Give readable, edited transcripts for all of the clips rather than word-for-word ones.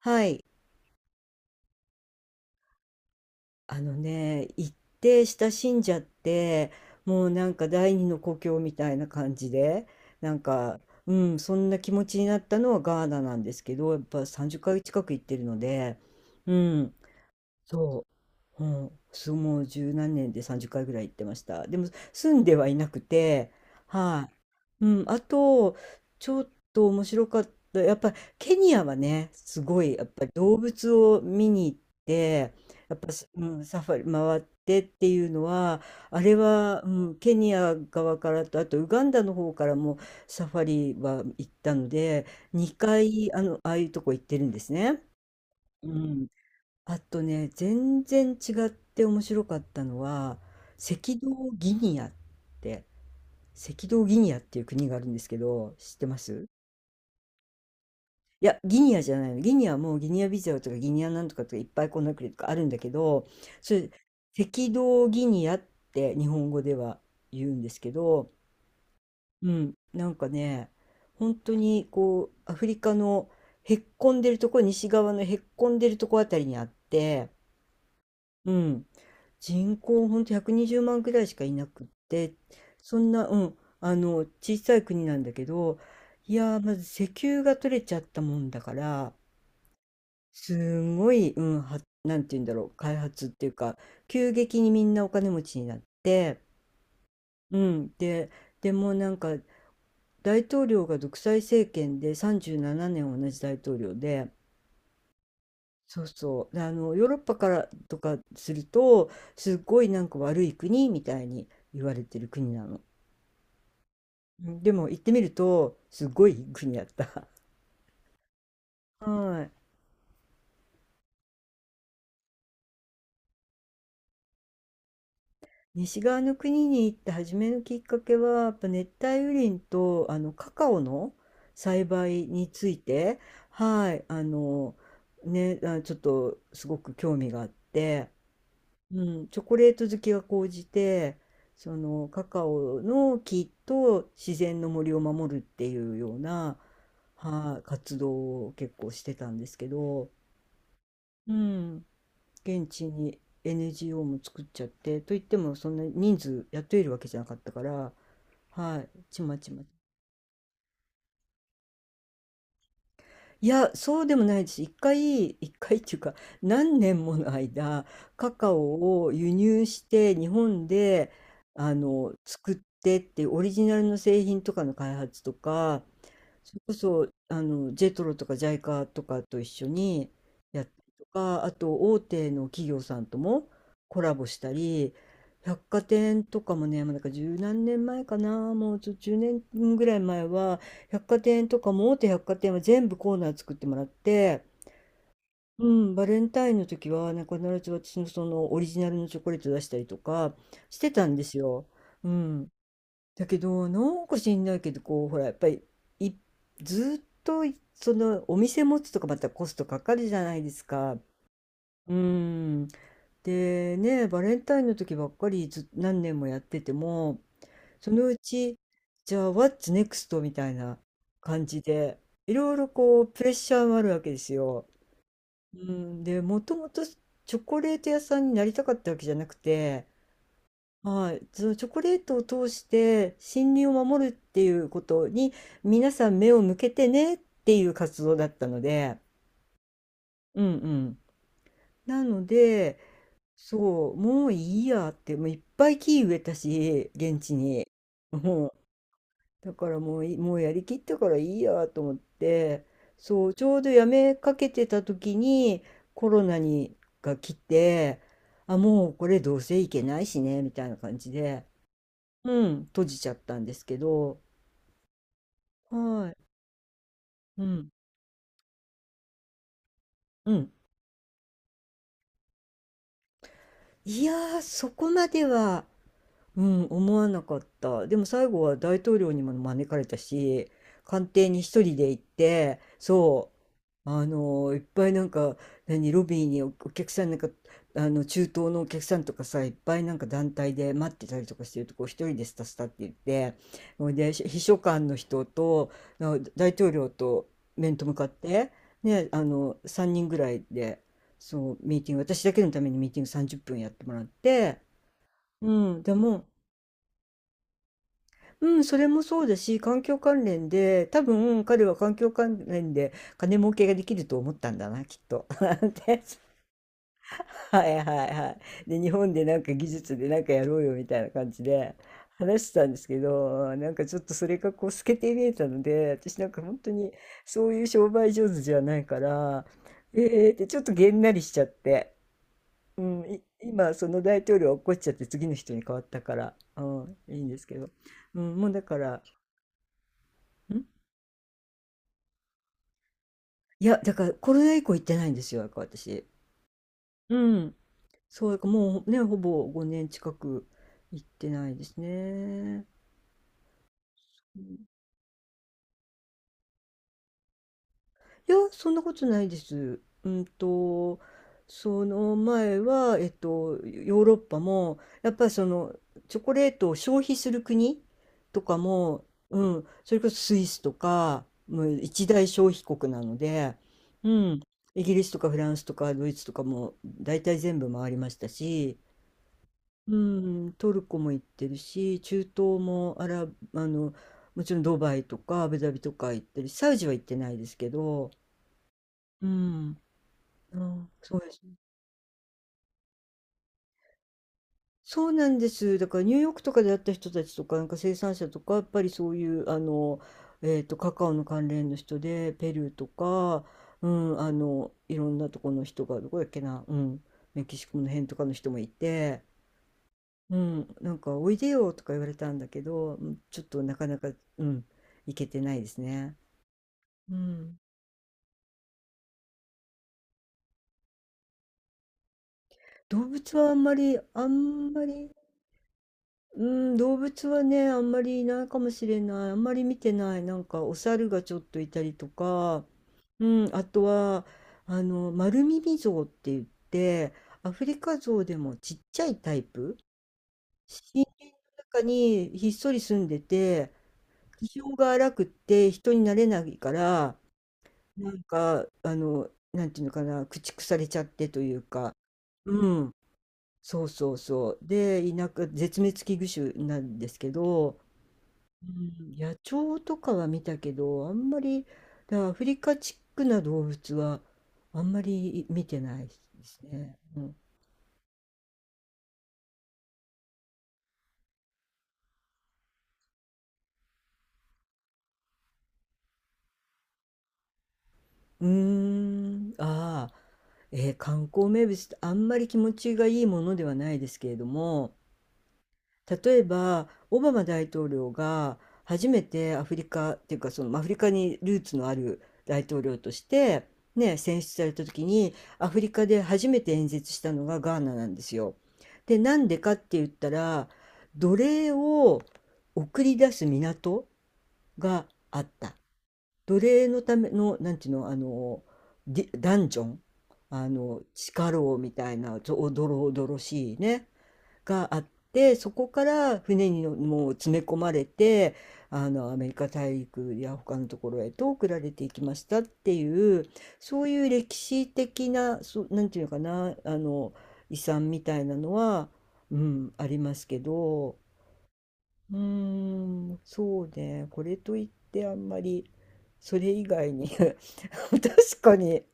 はい。あのね、行って親しんじゃって、もうなんか第二の故郷みたいな感じで、なんか、うん、そんな気持ちになったのはガーナなんですけど、やっぱ30ヶ月近く行ってるので、うん、そそうもう十何年で30回ぐらい行ってました。でも住んではいなくて、はい、うん、あとちょっと面白かった、やっぱケニアはね、すごいやっぱり動物を見に行って、やっぱ、うん、サファリ回ってっていうのは、あれは、うん、ケニア側からと、あとウガンダの方からもサファリは行ったので、2回あの、ああいうとこ行ってるんですね。うん、あとね、全然違って面白かったのは、赤道ギニアって、赤道ギニアっていう国があるんですけど、知ってます？いや、ギニアじゃないの。ギニアはもうギニアビザオとかギニアなんとかとかいっぱいこんな国とかあるんだけど、それ、赤道ギニアって日本語では言うんですけど、うん、なんかね、本当にこう、アフリカのへっこんでるとこ、西側のへっこんでるとこあたりにあって、うん。人口ほんと120万く、にじゅうまんくらいしかいなくって、そんな、うん、あの小さい国なんだけど、いやーまず石油が取れちゃったもんだから、すんごい、うん、はなんて言うんだろう、開発っていうか急激にみんなお金持ちになって、うん、で、でもなんか大統領が独裁政権で37年同じ大統領で、そうそう。であの、ヨーロッパからとかすると、すっごいなんか悪い国みたいに言われてる国なの。うん、でも行ってみると、すっごいいい国だった。はい。西側の国に行って初めのきっかけは、やっぱ熱帯雨林とあのカカオの栽培について、はい、あの、ね、あちょっとすごく興味があって、うん、チョコレート好きが高じて、そのカカオの木と自然の森を守るっていうような、はい、活動を結構してたんですけど、うん、現地に NGO も作っちゃって、といってもそんな人数雇えるわけじゃなかったから、はい、ちまちま、いや、そうでもないです。一回っていうか、何年もの間、カカオを輸入して、日本で、あの、作ってってオリジナルの製品とかの開発とか、それこそあのジェトロとかジャイカとかと一緒にやったりとか、あと大手の企業さんともコラボしたり、百貨店とかもね、もうなんか十何年前かな、もう10年ぐらい前は百貨店とかも大手百貨店は全部コーナー作ってもらって、うん、バレンタインの時はなんか必ず私のそのオリジナルのチョコレート出したりとかしてたんですよ。うん、だけど、なんか知んないけど、こう、ほら、やっぱり、い、ずっとい、その、お店持つとかまたコストかかるじゃないですか。うん。で、ね、バレンタインの時ばっかりず、何年もやってても、そのうち、じゃあ、What's next? みたいな感じで、いろいろこう、プレッシャーもあるわけですよ。うん。で、もともとチョコレート屋さんになりたかったわけじゃなくて、はい、そのチョコレートを通して森林を守るっていうことに皆さん目を向けてねっていう活動だったので、うん、うん。なので、そう、もういいやって、もういっぱい木植えたし、現地に。もう、だからもうい、もうやりきったからいいやと思って、そう、ちょうどやめかけてた時にコロナにが来て、あ、もうこれどうせいけないしね、みたいな感じで。うん、閉じちゃったんですけど、はい、うん、うん。いやー、そこまでは、うん、思わなかった。でも最後は大統領にも招かれたし、官邸に一人で行って、そう、あのいっぱいなんか何ロビーにお客さんなんか、あの中東のお客さんとかさ、いっぱいなんか団体で待ってたりとかしてるとこ、一人でスタスタって言って、ほいで秘書官の人と、あ大統領と面と向かってね、あの3人ぐらいで、そうミーティング、私だけのためにミーティング30分やってもらって、うん、でも、うん、それもそうだし、環境関連で、多分彼は環境関連で金儲けができると思ったんだな、きっと。で、はいはいはい。で、日本でなんか技術でなんかやろうよみたいな感じで話してたんですけど、なんかちょっとそれがこう透けて見えたので、私なんか本当にそういう商売上手じゃないから、えーってちょっとげんなりしちゃって、うん、い今その大統領は怒っこっちゃって次の人に変わったから、うん、いいんですけど、うん、もうだから、んいや、だからコロナ以降行ってないんですよ、だから私。うん。そう、だからもうね、ほぼ5年近く行ってないですね。いや、そんなことないです。うんと、その前は、ヨーロッパも、やっぱりその、チョコレートを消費する国とかも、うん、それこそスイスとか、もう一大消費国なので、うん、イギリスとかフランスとかドイツとかも大体全部回りましたし、うん、トルコも行ってるし、中東もあの、もちろんドバイとかアブダビとか行ってるし、サウジは行ってないですけど、うん、うん、そうですね。そうなんです。だからニューヨークとかで会った人たちとか、なんか生産者とか、やっぱりそういう、あの、カカオの関連の人で、ペルーとか、うん、あの、いろんなとこの人が、どこだっけな、うん、メキシコの辺とかの人もいて、うん、なんか「おいでよ」とか言われたんだけど、うん、ちょっとなかなか、うん、行けてないですね。うん。動物はあんまりあんまり、うん、動物はね、あんまりいないかもしれない。あんまり見てない。なんかお猿がちょっといたりとか、うん、あとはあの丸耳象って言って、アフリカゾウでもちっちゃいタイプ、森林の中にひっそり住んでて、気性が荒くって人になれないから。なんか、あの、なんていうのかな、駆逐されちゃってというか、うん、そうそうそう。で、田舎、絶滅危惧種なんですけど、うん、野鳥とかは見たけど、あんまり、だからアフリカチックな動物は、あんまり見てないですね。うん、うーん、ああ、観光名物ってあんまり気持ちがいいものではないですけれども、例えばオバマ大統領が初めてアフリカっていうかそのアフリカにルーツのある大統領として、ね、選出された時にアフリカで初めて演説したのがガーナなんですよ。でなんでかって言ったら奴隷を送り出す港があった。奴隷のためのなんていうの、あのディダンジョン、あの地下牢みたいなおどろおどろしいね、があって、そこから船にのもう詰め込まれて、あのアメリカ大陸や他のところへと送られていきましたっていう、そういう歴史的な、そう、なんていうのかな、あの遺産みたいなのは、うん、ありますけど、うーん、そうね、これといってあんまりそれ以外に 確かに、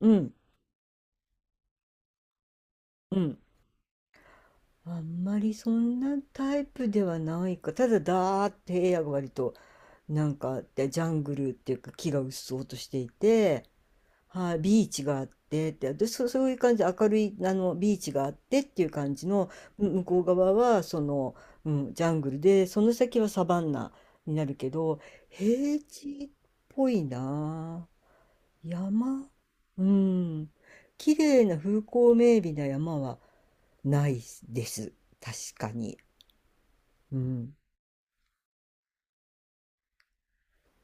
うん、うん、あんまりそんなタイプではないか、ただだーって平野が割となんかでジャングルっていうか木がうっそうとしていて、はい、ビーチがあってってで、そ、そういう感じで明るいあのビーチがあってっていう感じの、向こう側はその、うん、ジャングルでその先はサバンナになるけど平地っぽいな、山、うん、綺麗な風光明媚な山はないです、確かに。うん、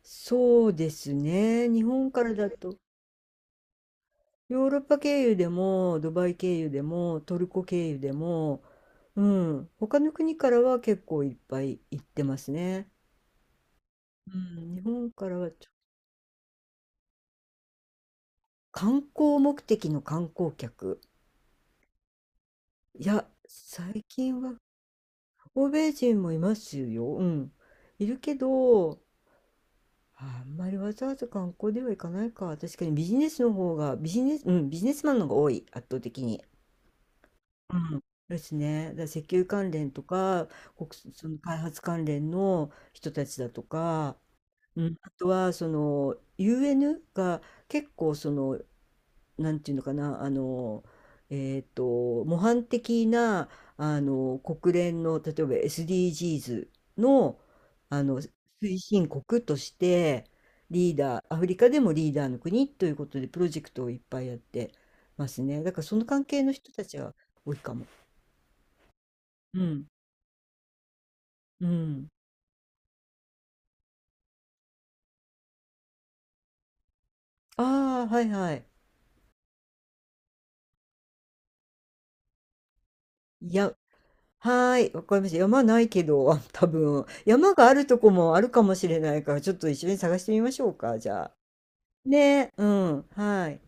そうですね。日本からだと、ヨーロッパ経由でも、ドバイ経由でも、トルコ経由でも、うん、他の国からは結構いっぱい行ってますね。うん、日本からはちょ、観光目的の観光客。いや、最近は欧米人もいますよ。うん、いるけど、あんまりわざわざ観光では行かないか。確かにビジネスの方が、ビジネス、うん、ビジネスマンの方が多い、圧倒的に。うんですね。だから石油関連とか、国その開発関連の人たちだとか、うん、あとはその UN が結構その、なんていうのかな、あの、模範的なあの国連の例えば SDGs の、あの推進国としてリーダー、アフリカでもリーダーの国ということでプロジェクトをいっぱいやってますね。だからその関係の人たちは多いかも。うん。うん。ああ、はいはい。いや、はーい、わかりました。山ないけど、あ多分。山があるとこもあるかもしれないから、ちょっと一緒に探してみましょうか、じゃあ。ね、うん、はい。